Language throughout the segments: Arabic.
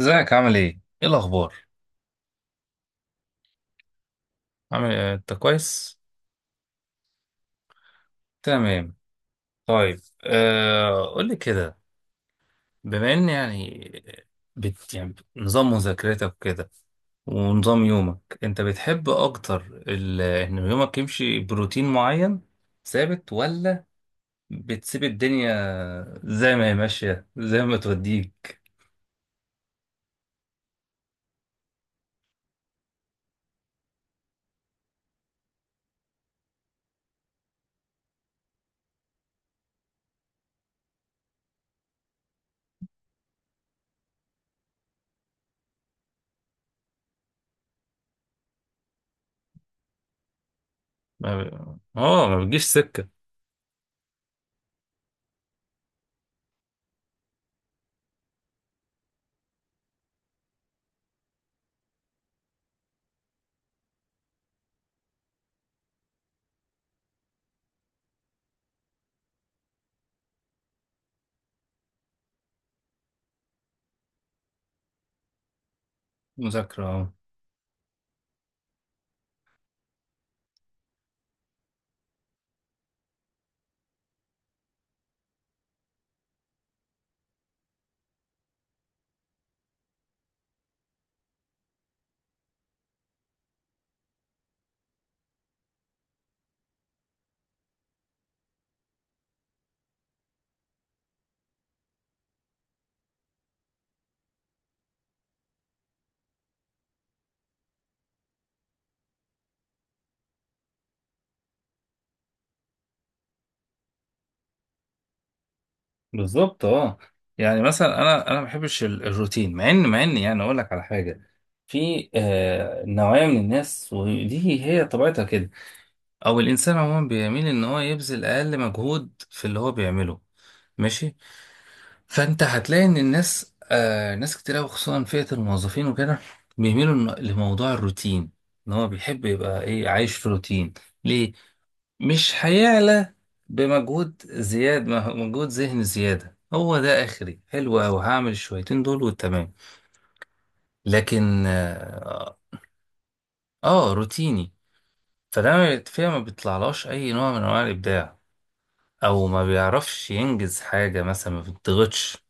ازيك؟ عامل ايه؟ ايه الأخبار؟ عامل إيه؟ أنت كويس؟ تمام. طيب آه، قول لي كده. بما إن يعني بت يعني نظام مذاكرتك كده ونظام يومك، أنت بتحب أكتر إن يومك يمشي بروتين معين ثابت، ولا بتسيب الدنيا زي ما هي ماشية زي ما توديك؟ ما بتجيش سكة مذاكرة. آه. بالظبط، اه. يعني مثلا انا ما بحبش الروتين، مع ان يعني اقول لك على حاجه. في نوعيه من الناس، ودي هي طبيعتها كده، او الانسان عموما بيميل ان هو يبذل اقل مجهود في اللي هو بيعمله. ماشي. فانت هتلاقي ان الناس ناس كتير قوي، خصوصا فئه الموظفين وكده، بيميلوا لموضوع الروتين، ان هو بيحب يبقى ايه، عايش في روتين. ليه؟ مش هيعلى بمجهود زياد، ما هو مجهود ذهني زيادة. هو ده آخري، حلو أوي، هعمل الشويتين دول وتمام. لكن آه، روتيني. فده ما بيت- فيها ما بيطلعلاش أي نوع من أنواع الإبداع، أو ما بيعرفش ينجز حاجة مثلا، ما بيتضغطش.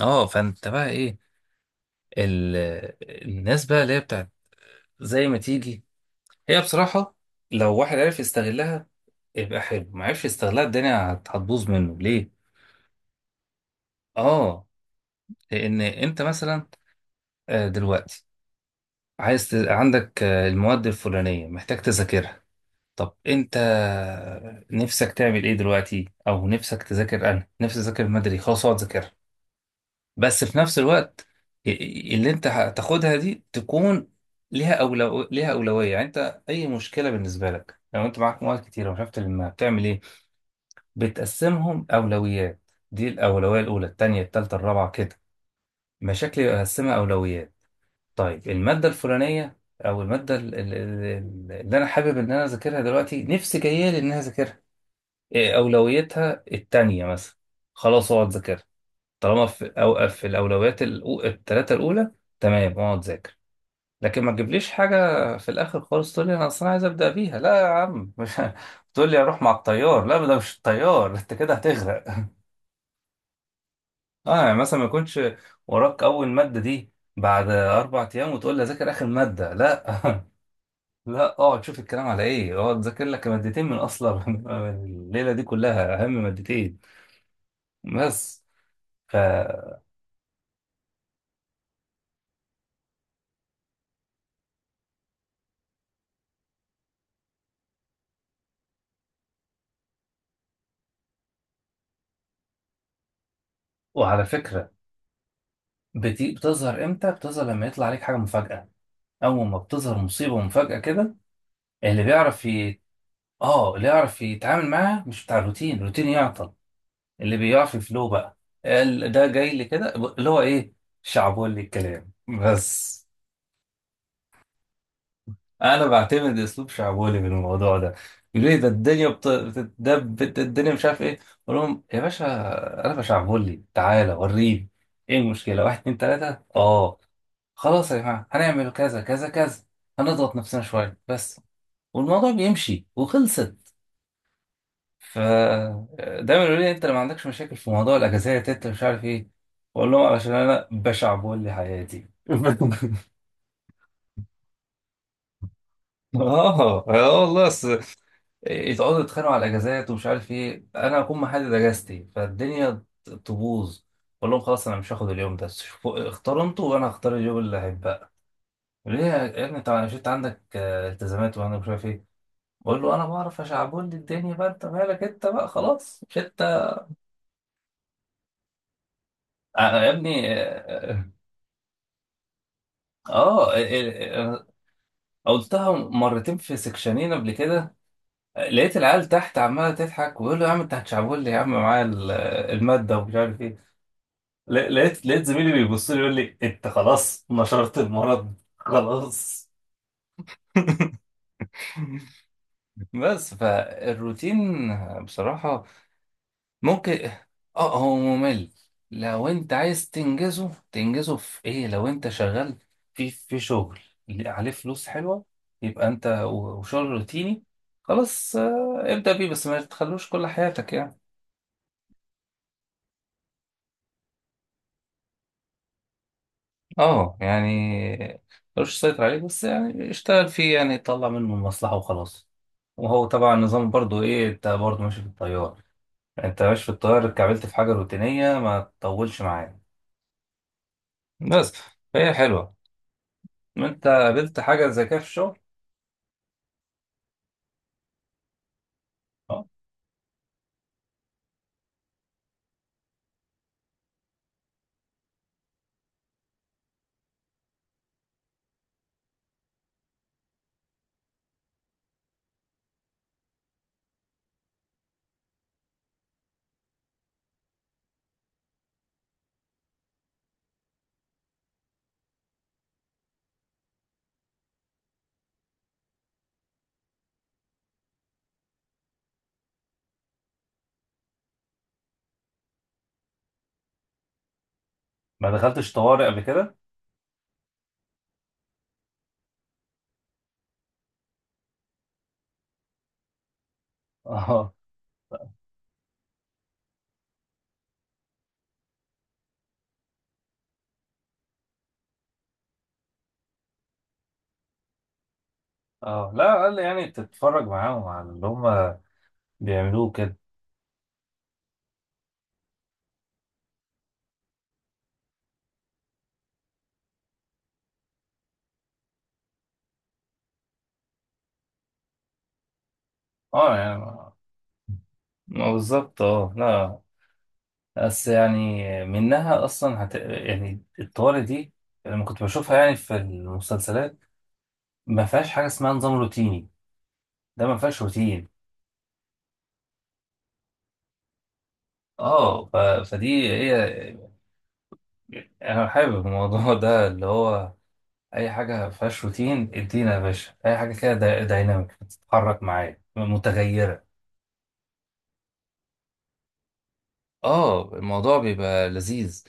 آه، فأنت بقى إيه، ال... الناس بقى اللي هي بتاعت زي ما تيجي، هي بصراحة لو واحد عرف يستغلها يبقى حلو، ما عرفش يستغلها الدنيا هتبوظ منه. ليه؟ آه، لأن أنت مثلا دلوقتي عندك المواد الفلانية محتاج تذاكرها. طب انت نفسك تعمل ايه دلوقتي، او نفسك تذاكر. انا نفسي اذاكر، مدري، خلاص اقعد ذاكرها. بس في نفس الوقت اللي انت هتاخدها دي تكون ليها ليها أولوية. يعني انت اي مشكلة بالنسبة لك، لو انت معاك مواد كتيرة ومش عارف تلمها بتعمل ايه؟ بتقسمهم أولويات. دي الأولوية الأولى، التانية، التالتة، الرابعة كده. مشاكل يقسمها أولويات. طيب، المادة الفلانية أو المادة اللي أنا حابب إن أنا أذاكرها دلوقتي، نفسي جاية لي إن أنا أذاكرها، إيه أولويتها؟ التانية مثلا، خلاص أقعد أذاكرها. طالما في أوقف في التلاتة الأولى تمام، أقعد أذاكر. لكن ما تجيبليش حاجة في الآخر خالص تقول لي أنا أصلا عايز أبدأ بيها. لا يا عم، مش تقول لي أروح مع الطيار. لا، ده مش الطيار، أنت كده هتغرق. أه يعني مثلا، ما يكونش وراك أول مادة دي بعد أربع أيام وتقول لي أذاكر آخر مادة. لا، لا، اه تشوف الكلام على ايه، اه تذاكر لك مادتين من اصلا من الليله دي كلها، اهم مادتين بس. ف... وعلى فكره، بتظهر امتى؟ بتظهر لما يطلع عليك حاجه مفاجاه. اول ما بتظهر مصيبه مفاجاه كده، اللي بيعرف ي... اه، اللي يعرف يتعامل معاها مش بتاع الروتين. الروتين يعطل، اللي بيعرف يفلو بقى، ده جاي لي كده اللي هو ايه، شعبولي الكلام بس. انا بعتمد اسلوب شعبولي في الموضوع ده. يقولوا لي، ده الدنيا بتتدب، ده الدنيا مش عارف ايه. اقول لهم يا باشا، انا بشعبولي، تعالى وريني ايه المشكله. واحد، اتنين، تلاته، اه خلاص يا جماعه، هنعمل كذا كذا كذا، هنضغط نفسنا شويه بس والموضوع بيمشي، وخلصت. ف... دايما يقولوا لي، انت اللي ما عندكش مشاكل في موضوع الاجازات، انت مش عارف ايه. اقول لهم علشان انا بشعبولي حياتي. اه، اه، والله. يقعدوا يتخانقوا على الاجازات ومش عارف ايه، انا اكون محدد اجازتي، فالدنيا تبوظ. اقول لهم خلاص، انا مش هاخد اليوم ده، شوفوا اختاروا انتوا، وانا هختار اليوم اللي هيبقى. ليه يا ابني؟ طب انا شفت عندك التزامات وانا مش عارف ايه. بقول له، انا بعرف اشعبولي الدنيا بقى، انت مالك انت بقى؟ خلاص مش انت. آه، يا ابني، اه. آه، قلتها مرتين في سكشنين قبل كده، لقيت العيال تحت عماله تضحك ويقول له يا عم انت هتشعبولي، يا عم معايا الماده ومش عارف ايه. لقيت زميلي بيبص لي يقول لي انت خلاص نشرت المرض. خلاص. بس فالروتين بصراحة ممكن، اه هو ممل. لو انت عايز تنجزه، تنجزه في ايه؟ لو انت شغال في شغل اللي عليه فلوس حلوة، يبقى انت وشغل روتيني خلاص، آه، ابدأ بيه، بس ما تخلوش كل حياتك يعني. اه، يعني ملوش سيطر عليه، بس يعني اشتغل فيه، يعني يطلع منه المصلحة وخلاص. وهو طبعا النظام برضو ايه، انت برضو ماشي في التيار. انت ماشي في التيار اتكعبلت في حاجة روتينية، ما تطولش معايا. بس، فهي حلوة. انت قابلت حاجة زي كده في الشغل؟ اه. ما دخلتش طوارئ قبل كده؟ اه، اه، لا، على الأقل يعني تتفرج معاهم على اللي هم بيعملوه كده. اه يعني، ما بالظبط، اه لا. بس يعني منها اصلا هت... يعني الطوارئ دي لما كنت بشوفها يعني في المسلسلات، ما فيهاش حاجه اسمها نظام روتيني. ده ما فيهاش روتين. اه، ف... فدي هي، انا حابب الموضوع ده اللي هو اي حاجه ما فيهاش روتين. ادينا يا باشا اي حاجه كده، دايناميك، بتتحرك معايا، متغيره. اه، الموضوع بيبقى لذيذ.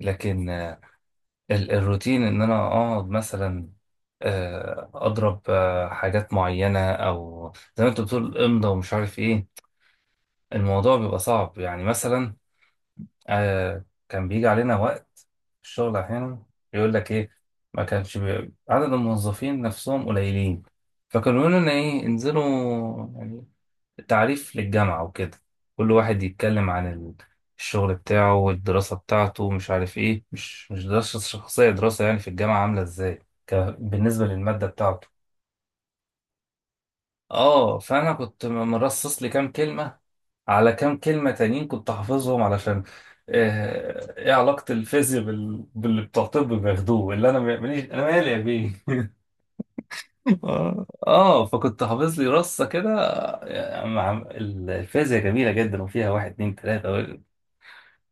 لكن الروتين، ان انا اقعد مثلا اضرب حاجات معينه، او زي ما انت بتقول امضى ومش عارف ايه، الموضوع بيبقى صعب. يعني مثلا كان بيجي علينا وقت في الشغل احيانا، يقول لك ايه، ما كانش عدد الموظفين نفسهم قليلين، فكانوا يقولوا لنا ايه، انزلوا يعني تعريف للجامعة وكده، كل واحد يتكلم عن الشغل بتاعه والدراسة بتاعته مش عارف ايه، مش دراسة شخصية، دراسة يعني في الجامعة عاملة ازاي، ك... بالنسبة للمادة بتاعته. اه، فأنا كنت مرصص لي كام كلمة على كام كلمة تانيين كنت حافظهم، علشان ايه علاقة الفيزياء بال... باللي بتوع طب بياخدوه، اللي انا ماليش، انا مالي يا بيه. اه، آه، فكنت حافظ لي رصة كده، الفيزياء جميلة جدا وفيها واحد اتنين تلاتة.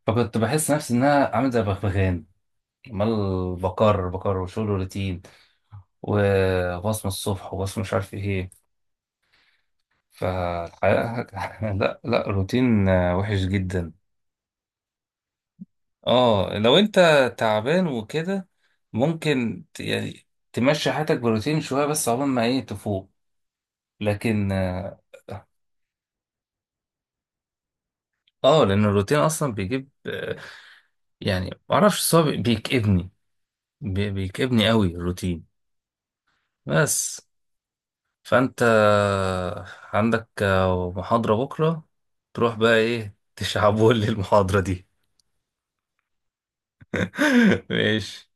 فكنت بحس نفسي ان انا عامل زي بغبغان، عمال بكرر وشغل روتين، وبصمة الصبح وبصمة مش عارف ايه. فالحقيقة لا لا، روتين وحش جدا. اه، لو انت تعبان وكده ممكن يعني تمشي حياتك بروتين شوية، بس عقبال ما ايه، تفوق. لكن اه، لان الروتين اصلا بيجيب يعني معرفش، صعب، بيكئبني، بيكئبني قوي الروتين. بس. فانت عندك محاضرة بكرة، تروح بقى ايه، تشعبولي المحاضرة دي. ماشي.